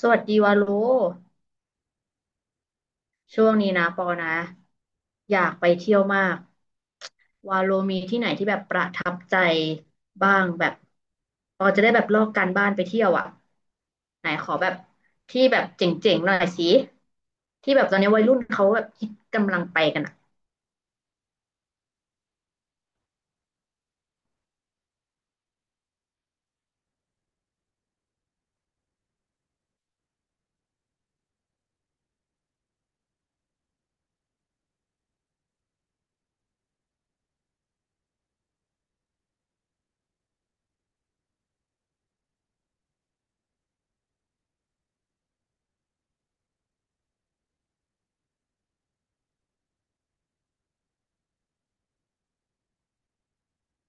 สวัสดีวาโลช่วงนี้นะปอนะอยากไปเที่ยวมาก วาโลมีที่ไหนที่แบบประทับใจบ้างแบบปอจะได้แบบลอกการบ้านไปเที่ยวอ่ะไหนขอแบบที่แบบเจ๋งๆหน่อยสิที่แบบตอนนี้วัยรุ่นเขาแบบคิดกำลังไปกันอ่ะ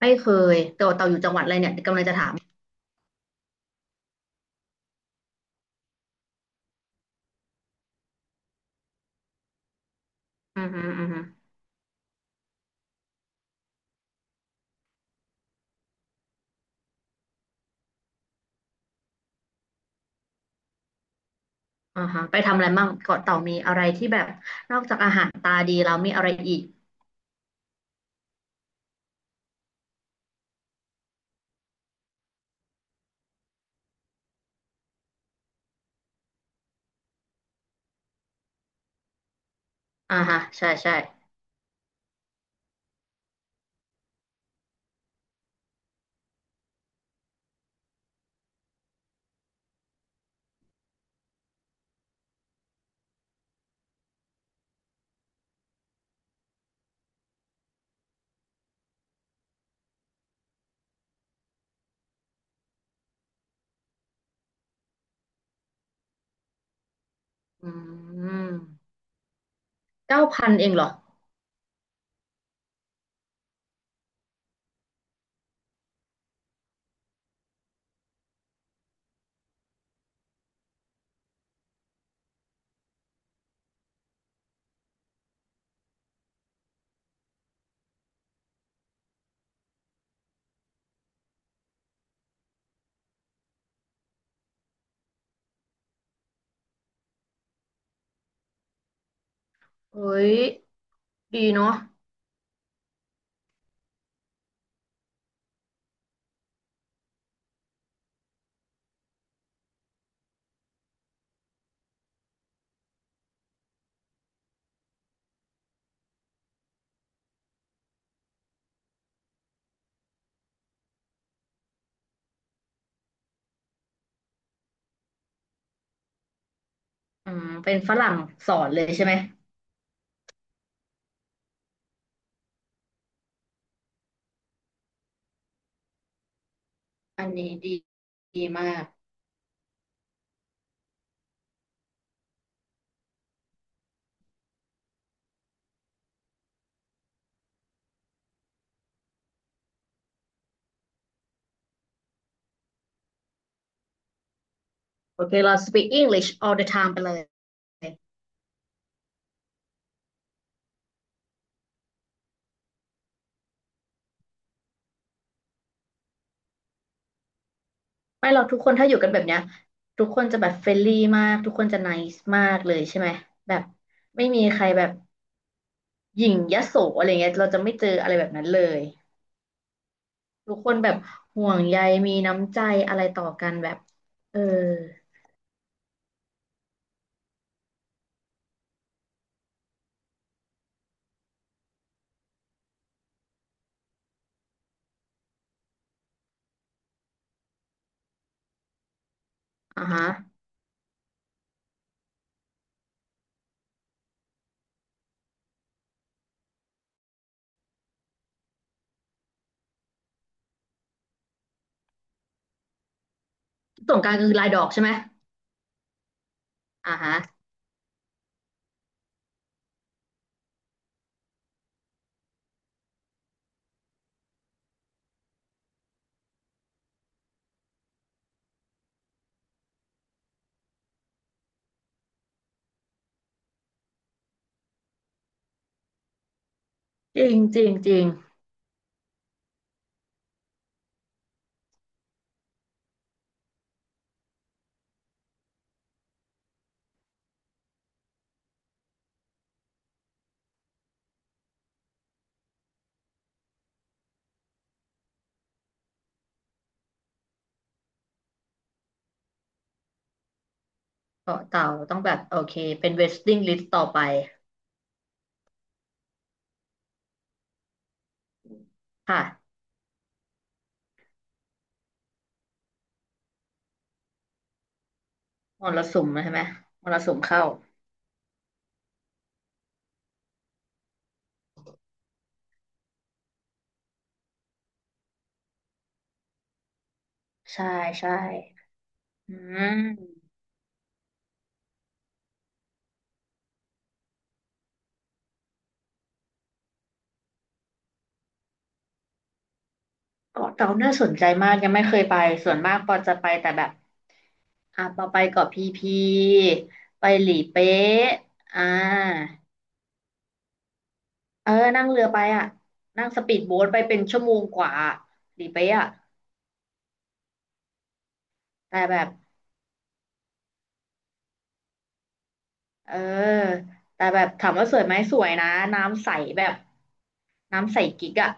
ไม่เคยเต่าเต่าอยู่จังหวัดอะไรเนี่ยกำลังจะถามอือฮึอือฮึอ่าฮะไปทำอะไรมั่งเกาะเต่ามีอะไรที่แบบนอกจากอาหารตาดีแล้วมีอะไรอีกอ่าฮะใช่ใช่อืม เก้าพันเองเหรอเฮ้ยดีเนาะอืมเป็นฝรั่งสอนเลยใช่ไหม อันนี้ดีดีมากโอเคเรา speak English all the time ไปเลยไม่เราทุกคนถ้าอยู่กันแบบเนี้ยทุกคนจะแบบเฟรนลี่มากทุกคนจะ nice มากเลยใช่ไหมแบบไม่มีใครแบบหยิ่งยโสอะไรเงี้ยเราจะไม่เจออะไรแบบนั้นเลยทุกคนแบบห่วงใยมีน้ำใจอะไรต่อกันแบบเอออ่าฮะสงกรานต์คือลายดอกใช่ไหมอ่าฮะจริงจริงจริง เกาะเต่าต้องแบบโอเคเป็นเวสติ n งลิสต์ต่อไปค่ะมรสุมนะใช่ไหมมรสุมเข้าใช่ใช่อืมเกาะเต่าน่าสนใจมากยังไม่เคยไปส่วนมากปอจะไปแต่แบบอ่ะปอไปเกาะพีพีไปหลีเป๊ะอ่าเออนั่งเรือไปอ่ะนั่งสปีดโบ๊ทไปเป็นชั่วโมงกว่าหลีเป๊ะอ่ะแต่แบบเออแต่แบบถามว่าสวยไหมสวยนะน้ำใสแบบน้ำใสกิ๊กอ่ะ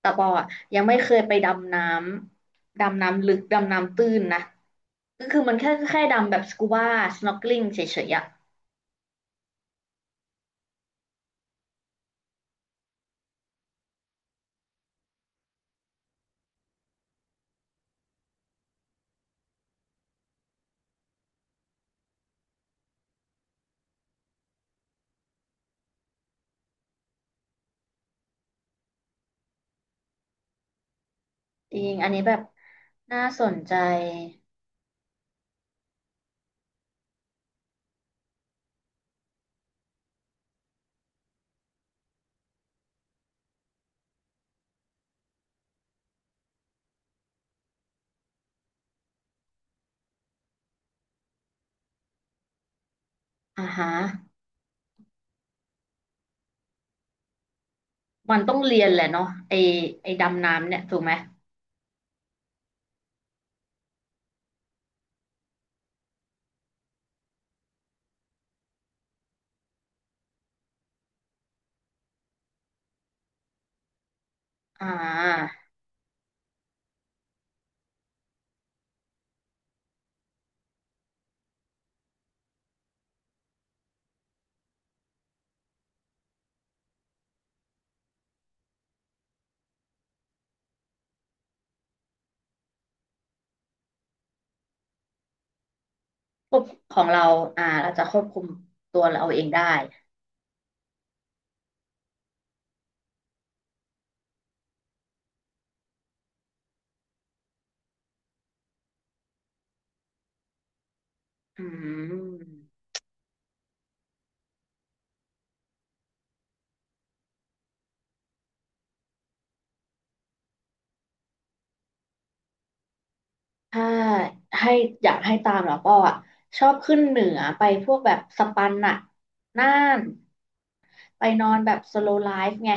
แต่ปออะยังไม่เคยไปดำน้ำดำน้ำลึกดำน้ำตื้นนะก็คือมันแค่แค่ดำแบบสกูบาสน็อกลิ n งเฉยๆอะจริงอันนี้แบบน่าสนใจอ่าฮะมันต้องเรียนแหละเนาะไอไอดำน้ำเนี่ยถูกไหมอ่าควบของเราอ่าเราจะควบคุมตัวเราเองได้อืมถ้าให้อยากให้ตามแล้วก็อ่ะชอบขึ้นเหนือไปพวกแบบสปันน่ะน่าน ไปนอนแบบ slow life ไง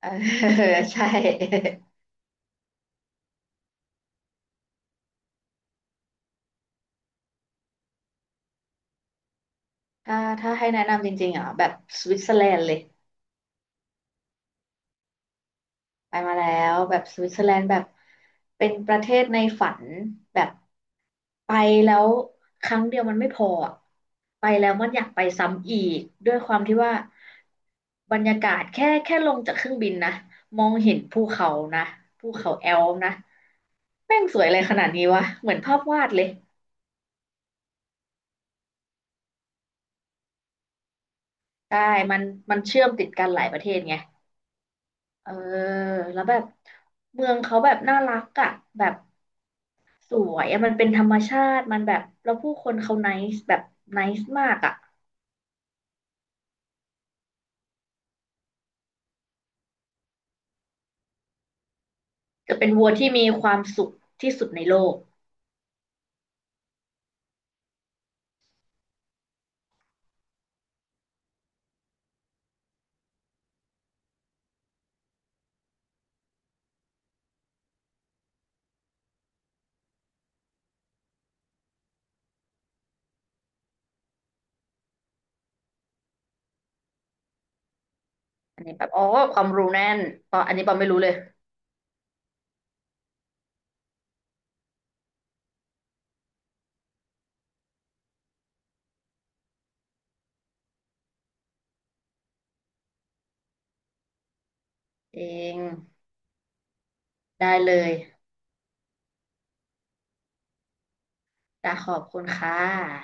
เออ ใช่ ถ้าถ้าให้แนะนำจริงๆอ่ะแบบสวิตเซอร์แลนด์เลย ไปมาแล้วแบบสวิตเซอร์แลนด์แบบเป็นประเทศในฝัน แบบไปแล้วครั้งเดียวมันไม่พออะไปแล้วมันอยากไปซ้ำอีก ด้วยความที่ว่าบรรยากาศแค่แค่ลงจากเครื่องบินนะ มองเห็นภูเขานะภูเขาแอลป์นะ แม่งสวยอะไรขนาดนี้วะ เหมือนภาพวาดเลย ใช่มันมันเชื่อมติดกันหลายประเทศไงเออแล้วแบบเมืองเขาแบบน่ารักอะแบบสวยอะมันเป็นธรรมชาติมันแบบแล้วผู้คนเขา n น c e แบบไน c e มากอะจะเป็นวัวที่มีความสุขที่สุดในโลกอันนี้แบบอ๋อความรู้แน่นปออันนี้ปอไม่รู้เลยเองได้เลยจ้ะขอบคุณค่ะ